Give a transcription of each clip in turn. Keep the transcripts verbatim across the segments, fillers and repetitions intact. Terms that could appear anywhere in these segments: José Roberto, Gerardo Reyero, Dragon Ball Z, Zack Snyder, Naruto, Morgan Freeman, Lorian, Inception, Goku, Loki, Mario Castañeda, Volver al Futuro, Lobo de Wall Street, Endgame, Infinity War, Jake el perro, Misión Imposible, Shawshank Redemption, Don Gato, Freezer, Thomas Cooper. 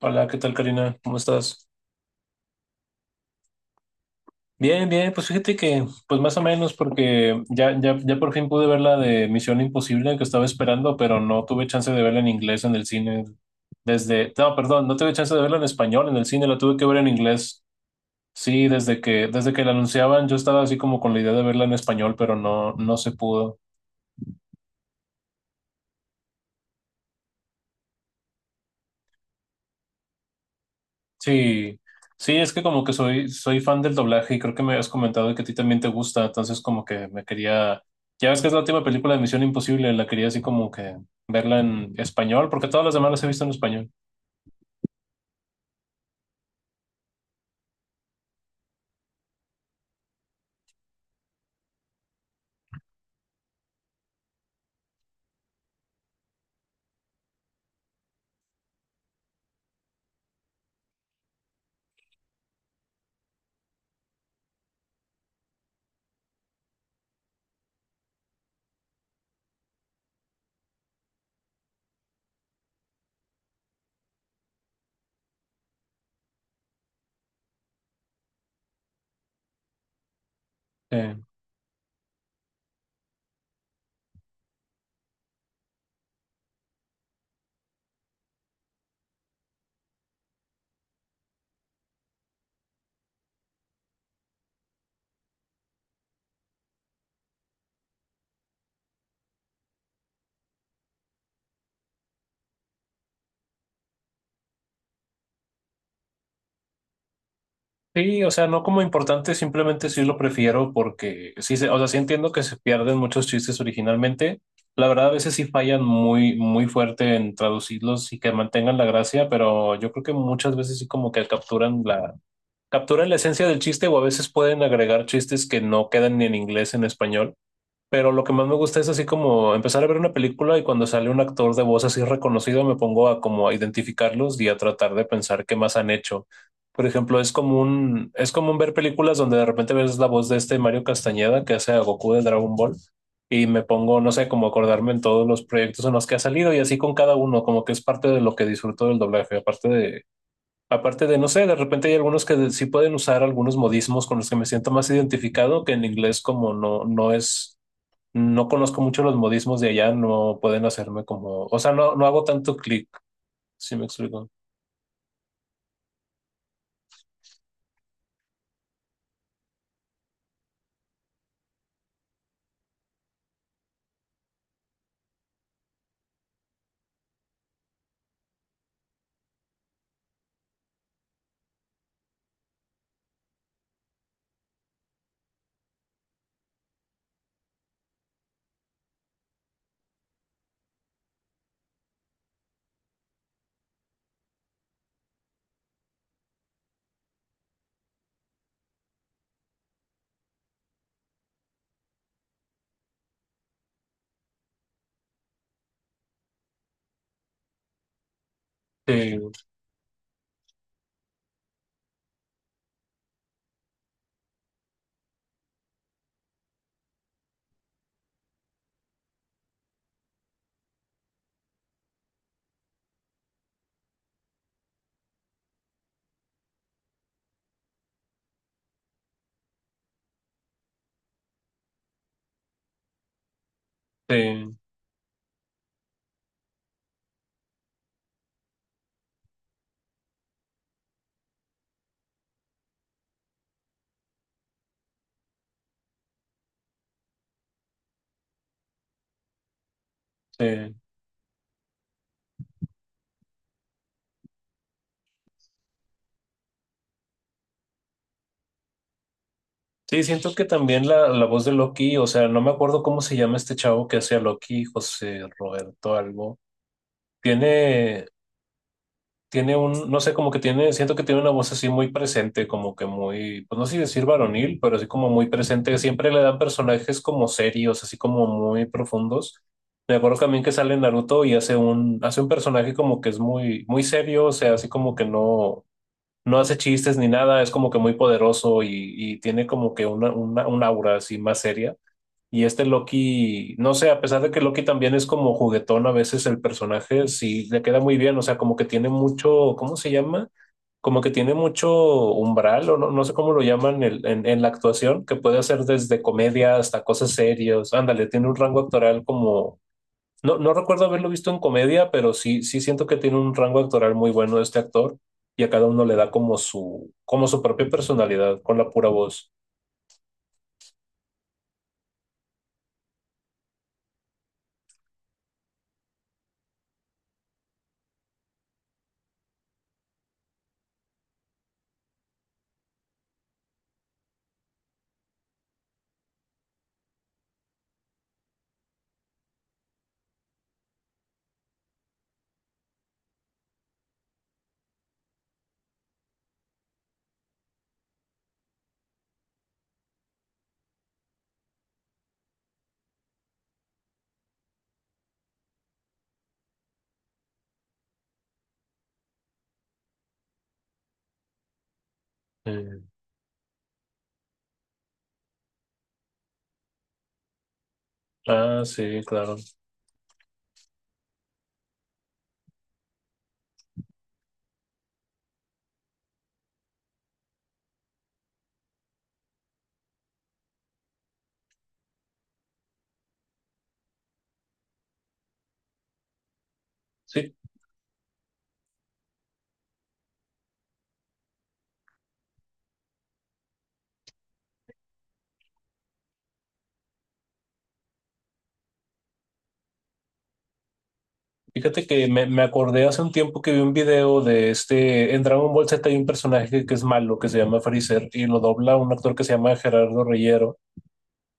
Hola, ¿qué tal, Karina? ¿Cómo estás? Bien, bien, pues fíjate que, pues más o menos, porque ya, ya, ya por fin pude ver la de Misión Imposible que estaba esperando, pero no tuve chance de verla en inglés en el cine desde, no, perdón, no tuve chance de verla en español en el cine, la tuve que ver en inglés. Sí, desde que, desde que la anunciaban, yo estaba así como con la idea de verla en español, pero no, no se pudo. Sí, sí, es que como que soy, soy fan del doblaje y creo que me habías comentado que a ti también te gusta, entonces como que me quería, ya ves que es la última película de Misión Imposible, la quería así como que verla en español, porque todas las demás las he visto en español. Eh, sí, o sea, no como importante, simplemente sí lo prefiero porque sí, se- o sea, sí entiendo que se pierden muchos chistes originalmente. La verdad, a veces sí fallan muy, muy fuerte en traducirlos y que mantengan la gracia, pero yo creo que muchas veces sí como que capturan capturan la esencia del chiste o a veces pueden agregar chistes que no quedan ni en inglés ni en español. Pero lo que más me gusta es así como empezar a ver una película y cuando sale un actor de voz así reconocido me pongo a como a identificarlos y a tratar de pensar qué más han hecho. Por ejemplo, es común, es común ver películas donde de repente ves la voz de este Mario Castañeda que hace a Goku de Dragon Ball y me pongo, no sé, como acordarme en todos los proyectos en los que ha salido y así con cada uno, como que es parte de lo que disfruto del doblaje, aparte de. Aparte de, no sé, de repente hay algunos que sí pueden usar algunos modismos con los que me siento más identificado, que en inglés como no, no es, no conozco mucho los modismos de allá, no pueden hacerme como, o sea, no, no hago tanto clic, si me explico. Sí, sí, sí. Sí, siento que también la, la voz de Loki, o sea, no me acuerdo cómo se llama este chavo que hacía Loki, José Roberto algo. Tiene, tiene un, no sé, como que tiene, siento que tiene una voz así muy presente, como que muy, pues no sé si decir varonil, pero así como muy presente. Siempre le dan personajes como serios, así como muy profundos. Me acuerdo también que sale en Naruto y hace un, hace un personaje como que es muy, muy serio, o sea, así como que no, no hace chistes ni nada, es como que muy poderoso y, y tiene como que una, una, un aura así más seria. Y este Loki, no sé, a pesar de que Loki también es como juguetón a veces el personaje, sí le queda muy bien, o sea, como que tiene mucho, ¿cómo se llama? Como que tiene mucho umbral, o no, no sé cómo lo llaman el- en, en la actuación, que puede hacer desde comedia hasta cosas serias. Ándale, tiene un rango actoral como, no, no recuerdo haberlo visto en comedia, pero sí, sí siento que tiene un rango actoral muy bueno este actor y a cada uno le da como su, como su propia personalidad con la pura voz. Mm. Ah, sí, claro. Sí. Fíjate que me, me acordé hace un tiempo que vi un video de este, en Dragon Ball Z hay un personaje que es malo, que se llama Freezer, y lo dobla un actor que se llama Gerardo Reyero.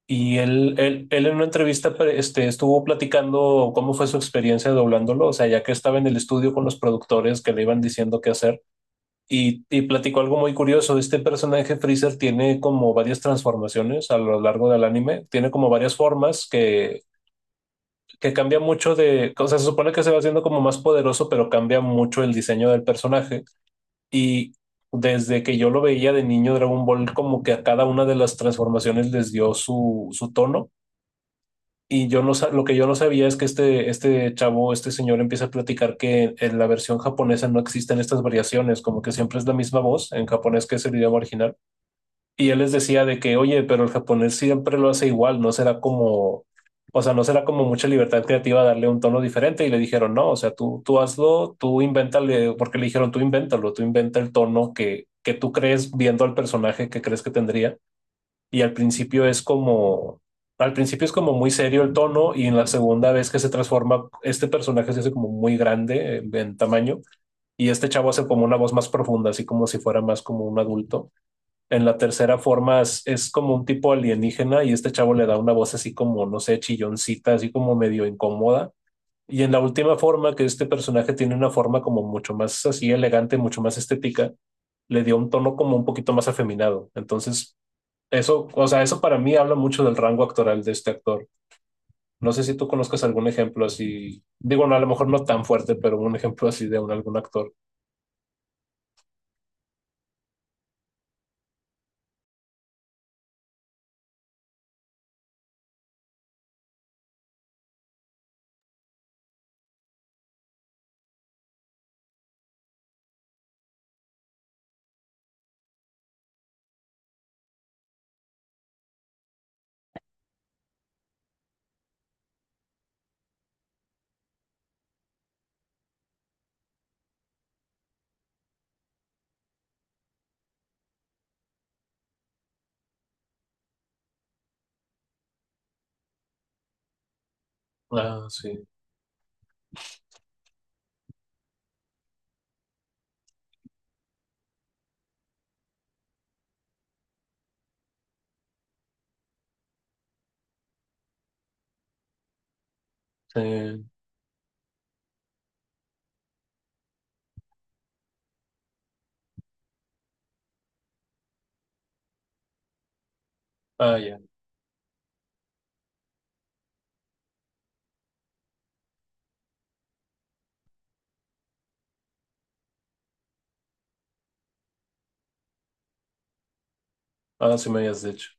Y él, él, él en una entrevista pre- este, estuvo platicando cómo fue su experiencia doblándolo, o sea, ya que estaba en el estudio con los productores que le iban diciendo qué hacer, y, y platicó algo muy curioso, este personaje Freezer tiene como varias transformaciones a lo largo del anime, tiene como varias formas que que cambia mucho de, o sea, se supone que se va haciendo como más poderoso, pero cambia mucho el diseño del personaje. Y desde que yo lo veía de niño, Dragon Ball como que a cada una de las transformaciones les dio su, su tono. Y yo no, sa- lo que yo no sabía es que este, este chavo, este señor empieza a platicar que en la versión japonesa no existen estas variaciones, como que siempre es la misma voz en japonés que es el idioma original y él les decía de que, oye, pero el japonés siempre lo hace igual, no será como, o sea, no será como mucha libertad creativa darle un tono diferente. Y le dijeron, no, o sea, tú, tú hazlo, tú invéntale, porque le dijeron, tú invéntalo, tú inventa el tono que, que tú crees viendo al personaje que crees que tendría. Y al principio es como, al principio es como muy serio el tono y en la segunda vez que se transforma, este personaje se hace como muy grande en en tamaño y este chavo hace como una voz más profunda, así como si fuera más como un adulto en la tercera forma es, es como un tipo alienígena y este chavo le da una voz así como, no sé, chilloncita, así como medio incómoda. Y en la última forma, que este personaje tiene una forma como mucho más así elegante, mucho más estética, le dio un tono como un poquito más afeminado. Entonces, eso, o sea, eso para mí habla mucho del rango actoral de este actor. No sé si tú conozcas algún ejemplo así, digo, no, a lo mejor no tan fuerte, pero un ejemplo así de un, algún actor. Ah, sí. Sí. Ah, ya. Ah, sí me habías dicho.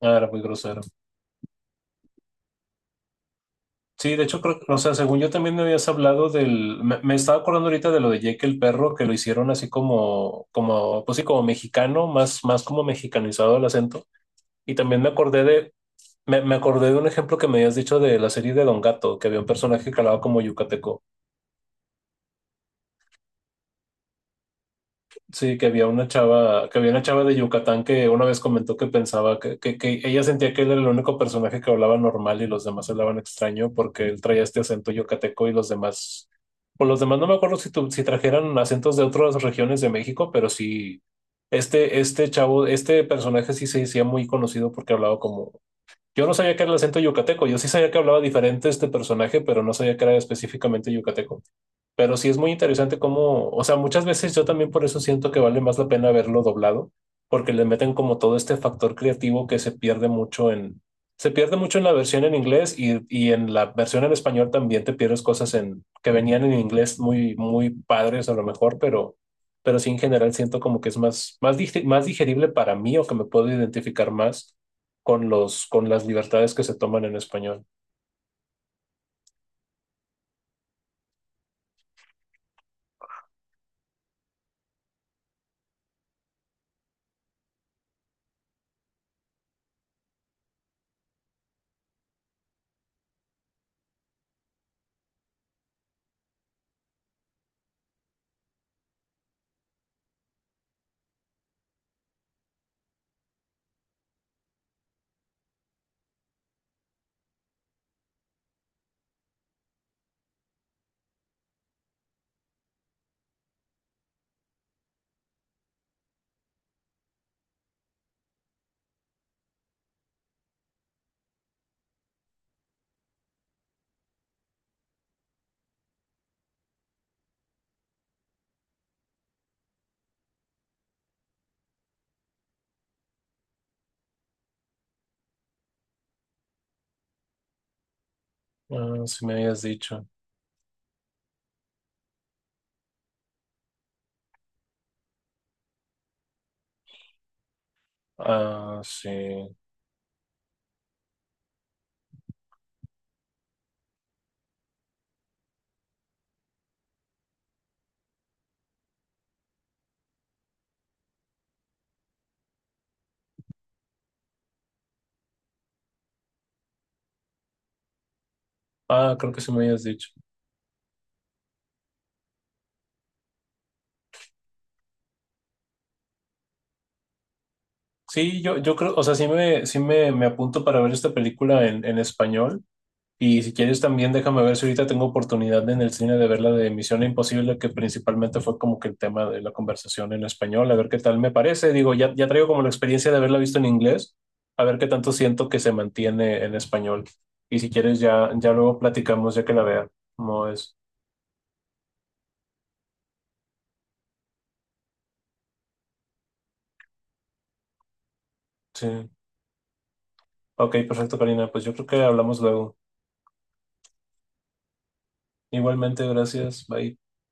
Ah, era muy grosero. Sí, de hecho, creo, o sea, según yo también me habías hablado del, me, me estaba acordando ahorita de lo de Jake el perro, que lo hicieron así como, como, pues sí, como mexicano, más, más como mexicanizado el acento. Y también me acordé de, me, me acordé de un ejemplo que me habías dicho de la serie de Don Gato, que había un personaje calado como yucateco. Sí, que había una chava, que había una chava de Yucatán que una vez comentó que pensaba que, que, que ella sentía que él era el único personaje que hablaba normal y los demás hablaban extraño porque él traía este acento yucateco y los demás, pues los demás no me acuerdo si, tu- si trajeran acentos de otras regiones de México, pero sí, este, este chavo, este personaje sí se hacía muy conocido porque hablaba como, yo no sabía que era el acento yucateco, yo sí sabía que hablaba diferente este personaje, pero no sabía que era específicamente yucateco. Pero sí es muy interesante cómo, o sea, muchas veces yo también por eso siento que vale más la pena verlo doblado, porque le meten como todo este factor creativo que se pierde mucho en, se pierde mucho en la versión en inglés y, y en la versión en español también te pierdes cosas en, que venían en inglés muy, muy padres a lo mejor, pero, pero sí en general siento como que es más, más, dig- más digerible para mí o que me puedo identificar más con los, con las libertades que se toman en español. Ah, sí me habías dicho. Ah, sí. Ah, creo que sí me habías dicho. Sí, yo, yo creo, o sea, sí me, sí me, me apunto para ver esta película en, en español. Y si quieres también déjame ver si ahorita tengo oportunidad en el cine de ver la de Misión Imposible, que principalmente fue como que el tema de la conversación en español, a ver qué tal me parece. Digo, ya, ya traigo como la experiencia de haberla visto en inglés, a ver qué tanto siento que se mantiene en español. Y si quieres ya, ya luego platicamos ya que la vea. No es. Sí. Ok, perfecto, Karina. Pues yo creo que hablamos luego. Igualmente, gracias. Bye.